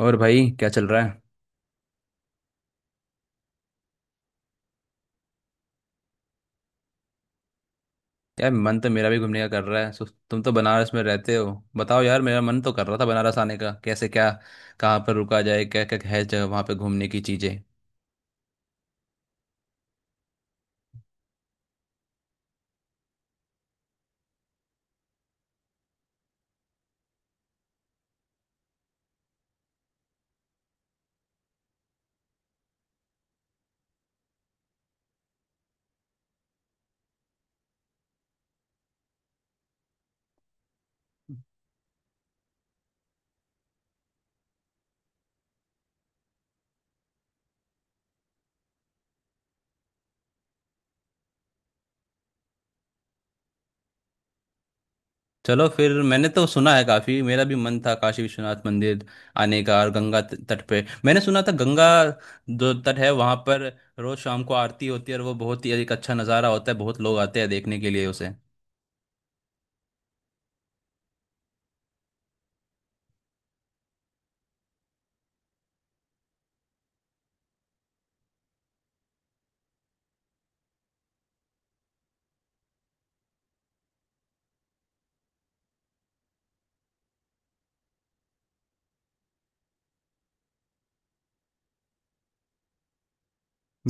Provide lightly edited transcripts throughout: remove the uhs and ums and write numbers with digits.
और भाई, क्या चल रहा है? यार, मन तो मेरा भी घूमने का कर रहा है। सो तुम तो बनारस में रहते हो। बताओ यार, मेरा मन तो कर रहा था बनारस आने का। कैसे, क्या, कहाँ पर रुका जाए, क्या क्या है जगह वहाँ पे घूमने की चीज़ें? चलो फिर, मैंने तो सुना है काफ़ी। मेरा भी मन था काशी विश्वनाथ मंदिर आने का। और गंगा तट पे मैंने सुना था, गंगा जो तट है वहाँ पर रोज़ शाम को आरती होती है, और वो बहुत ही एक अच्छा नज़ारा होता है। बहुत लोग आते हैं देखने के लिए उसे।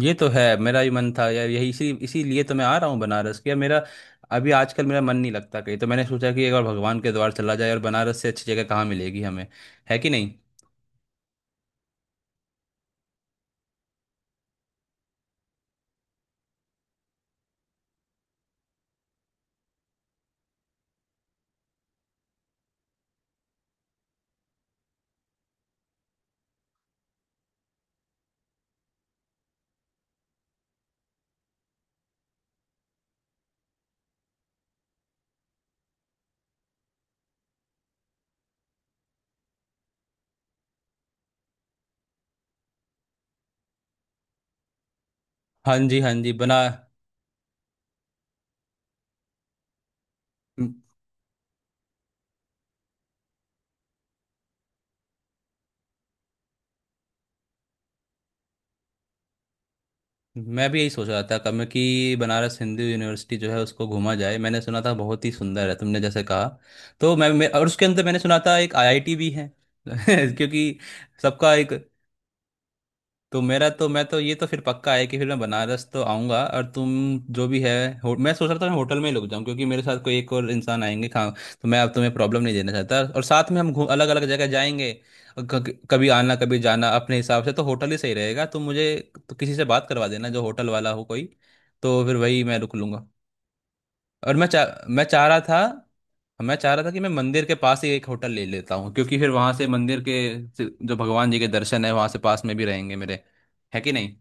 ये तो है। मेरा भी मन था यार यही। इसीलिए तो मैं आ रहा हूँ बनारस के। मेरा अभी आजकल मेरा मन नहीं लगता कहीं। तो मैंने सोचा कि एक बार भगवान के द्वार चला जाए, और बनारस से अच्छी जगह कहाँ मिलेगी हमें? है कि नहीं। हाँ जी, हाँ जी। बना म- मैं भी यही सोच रहा था कब मैं, कि बनारस हिंदू यूनिवर्सिटी जो है उसको घूमा जाए। मैंने सुना था बहुत ही सुंदर है, तुमने जैसे कहा। तो मैं और उसके अंदर मैंने सुना था एक आईआईटी भी है। क्योंकि सबका एक। तो मेरा तो, मैं तो ये तो फिर पक्का है कि फिर मैं बनारस तो आऊंगा। और तुम जो भी है। मैं सोच रहा था मैं होटल में ही रुक जाऊं, क्योंकि मेरे साथ कोई एक और इंसान आएंगे खा तो मैं अब तुम्हें प्रॉब्लम नहीं देना चाहता। और साथ में हम घूम अलग अलग जगह जाएंगे, और कभी आना कभी जाना अपने हिसाब से, तो होटल ही सही रहेगा। तुम मुझे तो किसी से बात करवा देना जो होटल वाला हो कोई, तो फिर वही मैं रुक लूंगा। और मैं चाह रहा था कि मैं मंदिर के पास ही एक होटल ले लेता हूँ, क्योंकि फिर वहां से मंदिर के जो भगवान जी के दर्शन है, वहां से पास में भी रहेंगे मेरे। है कि नहीं।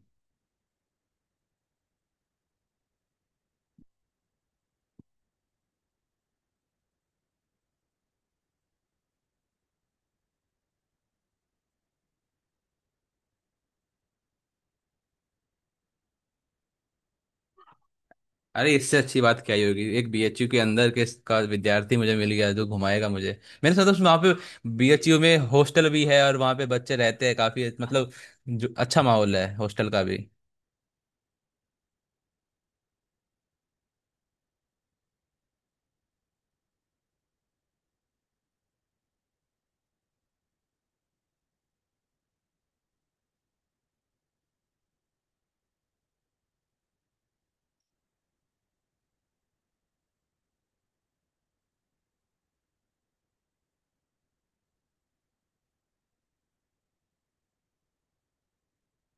अरे, इससे अच्छी बात क्या ही होगी। एक बीएचयू के अंदर के का विद्यार्थी मुझे मिल गया जो घुमाएगा मुझे। मैंने सुना था उसमें, वहाँ पे बीएचयू में हॉस्टल भी है, और वहाँ पे बच्चे रहते हैं काफी, मतलब जो अच्छा माहौल है हॉस्टल का भी।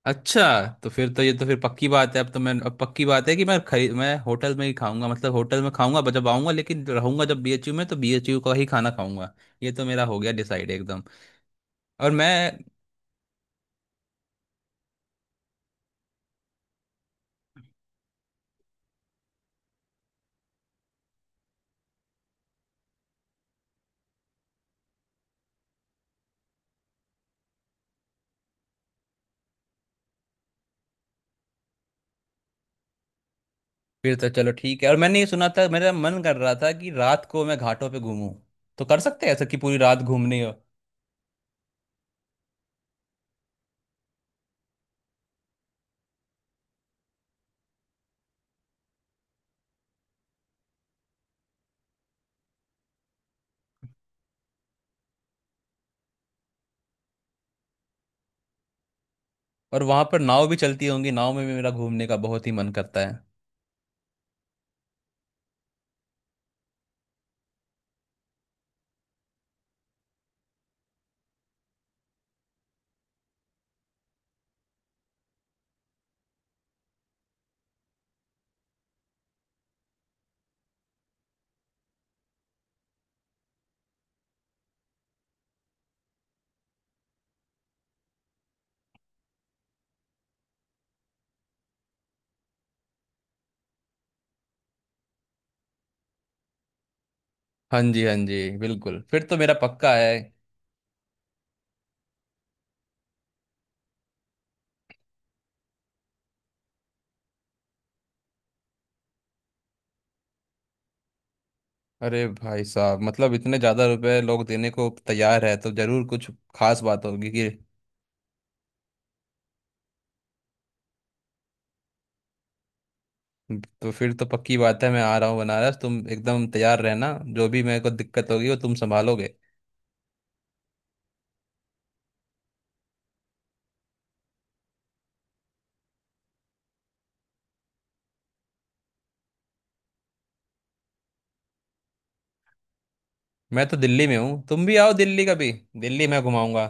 अच्छा, तो फिर तो ये तो फिर पक्की बात है। अब तो मैं, अब पक्की बात है कि मैं होटल में ही खाऊंगा। मतलब होटल में खाऊंगा जब आऊंगा, लेकिन रहूंगा जब बीएचयू में तो बीएचयू का ही खाना खाऊंगा। ये तो मेरा हो गया डिसाइड, एकदम। और मैं फिर तो चलो ठीक है। और मैंने ये सुना था, मेरा मन कर रहा था कि रात को मैं घाटों पे घूमूं। तो कर सकते हैं ऐसा कि पूरी रात घूमने हो? और वहां पर नाव भी चलती होंगी। नाव में भी मेरा घूमने का बहुत ही मन करता है। हाँ जी, हाँ जी, बिल्कुल। फिर तो मेरा पक्का है। अरे भाई साहब, मतलब इतने ज्यादा रुपए लोग देने को तैयार है, तो जरूर कुछ खास बात होगी कि। तो फिर तो पक्की बात है, मैं आ रहा हूँ बनारस। तुम एकदम तैयार रहना, जो भी मेरे को दिक्कत होगी वो तुम संभालोगे। मैं तो दिल्ली में हूँ। तुम भी आओ दिल्ली कभी, दिल्ली मैं घुमाऊंगा।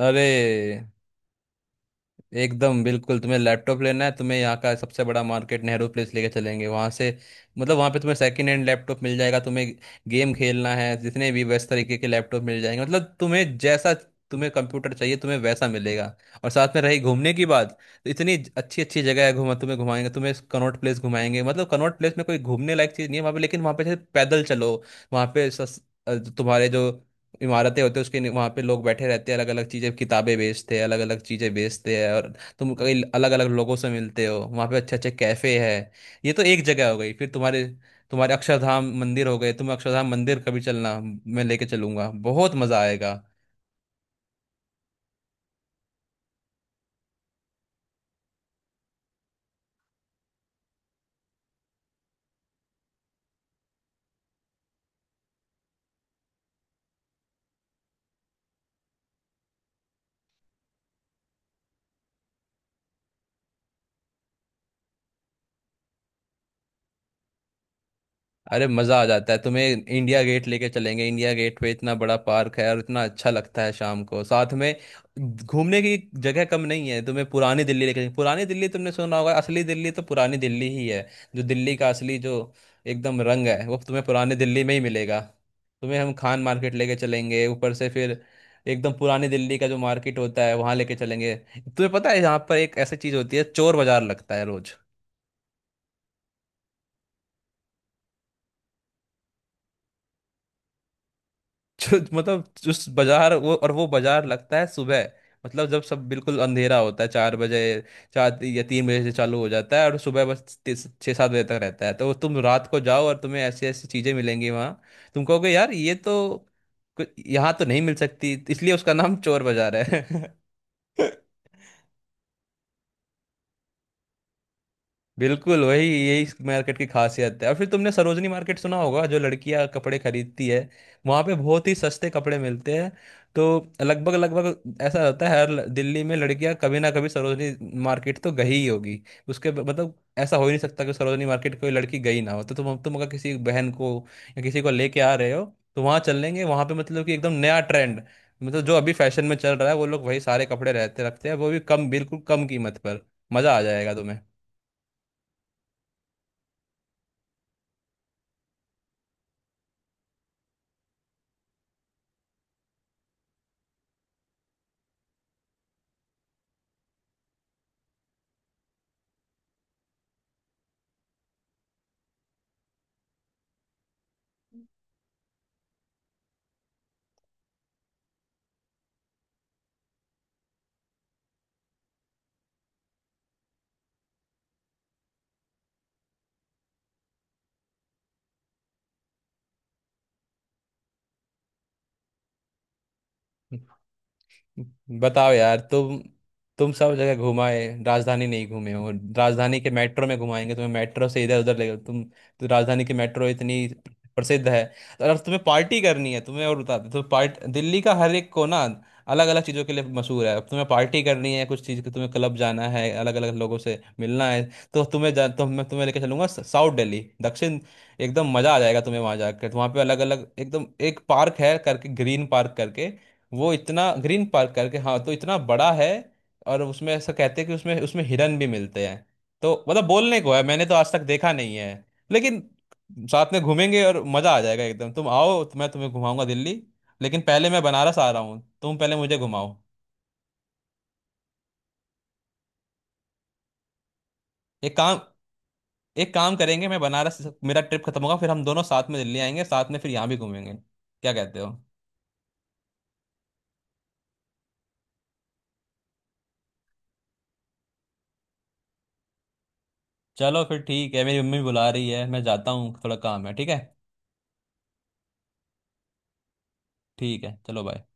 अरे एकदम बिल्कुल, तुम्हें लैपटॉप लेना है, तुम्हें यहाँ का सबसे बड़ा मार्केट नेहरू प्लेस लेके चलेंगे। वहाँ से मतलब वहाँ पे तुम्हें सेकंड हैंड लैपटॉप मिल जाएगा। तुम्हें गेम खेलना है, जितने भी वैसे तरीके के लैपटॉप मिल जाएंगे। मतलब तुम्हें जैसा तुम्हें कंप्यूटर चाहिए, तुम्हें वैसा मिलेगा। और साथ में रही घूमने की बात, तो इतनी अच्छी अच्छी जगह है घुमा, तुम्हें घुमाएंगे। तुम्हें कनॉट प्लेस घुमाएंगे। मतलब कनॉट प्लेस में कोई घूमने लायक चीज़ नहीं है वहाँ पे, लेकिन वहाँ पे जैसे पैदल चलो, वहाँ पे तुम्हारे जो इमारतें होती है उसके वहां पे लोग बैठे रहते हैं, अलग अलग चीजें किताबें बेचते हैं, अलग अलग चीजें बेचते हैं, और तुम कई अलग अलग लोगों से मिलते हो वहां पे। अच्छे अच्छे कैफे है। ये तो एक जगह हो गई। फिर तुम्हारे, तुम्हारे अक्षरधाम मंदिर हो गए। तुम अक्षरधाम मंदिर कभी चलना, मैं लेके चलूंगा, बहुत मजा आएगा। अरे मजा आ जाता है। तुम्हें इंडिया गेट लेके चलेंगे। इंडिया गेट पे इतना बड़ा पार्क है, और इतना अच्छा लगता है शाम को। साथ में घूमने की जगह कम नहीं है। तुम्हें पुरानी दिल्ली लेके, पुरानी दिल्ली तुमने सुना होगा, असली दिल्ली तो पुरानी दिल्ली ही है। जो दिल्ली का असली जो एकदम रंग है, वो तुम्हें पुरानी दिल्ली में ही मिलेगा। तुम्हें हम खान मार्केट लेके चलेंगे ऊपर से, फिर एकदम पुरानी दिल्ली का जो मार्केट होता है वहां लेके चलेंगे। तुम्हें पता है यहाँ पर एक ऐसी चीज होती है, चोर बाजार लगता है रोज। जो मतलब उस बाजार, वो, और वो बाजार लगता है सुबह, मतलब जब सब बिल्कुल अंधेरा होता है, चार बजे, चार या तीन बजे से चालू हो जाता है, और सुबह बस छः सात बजे तक रहता है। तो तुम रात को जाओ, और तुम्हें ऐसी ऐसी चीज़ें मिलेंगी वहाँ, तुम कहोगे यार ये तो यहाँ तो नहीं मिल सकती। इसलिए उसका नाम चोर बाजार है। बिल्कुल वही, यही इस मार्केट की खासियत है। और फिर तुमने सरोजनी मार्केट सुना होगा, जो लड़कियां कपड़े खरीदती है, वहां पे बहुत ही सस्ते कपड़े मिलते हैं। तो लगभग लगभग ऐसा होता है, हर दिल्ली में लड़कियां कभी ना कभी सरोजनी मार्केट तो गई ही होगी। उसके मतलब ऐसा हो ही नहीं सकता कि सरोजनी मार्केट कोई लड़की गई ना हो। तो तुम, अगर किसी बहन को या किसी को लेके आ रहे हो, तो वहां चलेंगे। वहां पे मतलब कि एकदम नया ट्रेंड, मतलब जो अभी फैशन में चल रहा है वो लोग वही सारे कपड़े रहते रखते हैं, वो भी कम, बिल्कुल कम कीमत पर। मजा आ जाएगा तुम्हें। बताओ यार, तुम सब जगह घुमाए, राजधानी नहीं घूमे हो। राजधानी के मेट्रो में घुमाएंगे तुम्हें, मेट्रो से इधर उधर ले, तुम तो, राजधानी की मेट्रो इतनी प्रसिद्ध है। तो अगर तुम्हें पार्टी करनी है तुम्हें, और बता दूं, तो पार्ट, दिल्ली का हर एक कोना अलग अलग चीज़ों के लिए मशहूर है। अब तुम्हें पार्टी करनी है कुछ चीज़ की, तुम्हें क्लब जाना है, अलग अलग लोगों से मिलना है, तो मैं तुम्हें लेकर चलूंगा साउथ दिल्ली, दक्षिण। एकदम मज़ा आ जाएगा तुम्हें वहाँ जाकर। तो वहाँ पे अलग अलग एकदम एक पार्क है करके, ग्रीन पार्क करके, वो इतना ग्रीन पार्क करके हाँ, तो इतना बड़ा है। और उसमें ऐसा कहते हैं कि उसमें, उसमें हिरन भी मिलते हैं। तो मतलब बोलने को है, मैंने तो आज तक देखा नहीं है लेकिन। साथ में घूमेंगे और मजा आ जाएगा एकदम। तुम आओ तो मैं तुम्हें घुमाऊंगा दिल्ली, लेकिन पहले मैं बनारस आ रहा हूँ, तुम पहले मुझे घुमाओ। एक काम एक काम करेंगे। मैं बनारस मेरा ट्रिप खत्म होगा, फिर हम दोनों साथ में दिल्ली आएंगे साथ में, फिर यहाँ भी घूमेंगे। क्या कहते हो? चलो फिर ठीक है, मेरी मम्मी बुला रही है, मैं जाता हूँ, थोड़ा काम है। ठीक है? ठीक है, चलो बाय।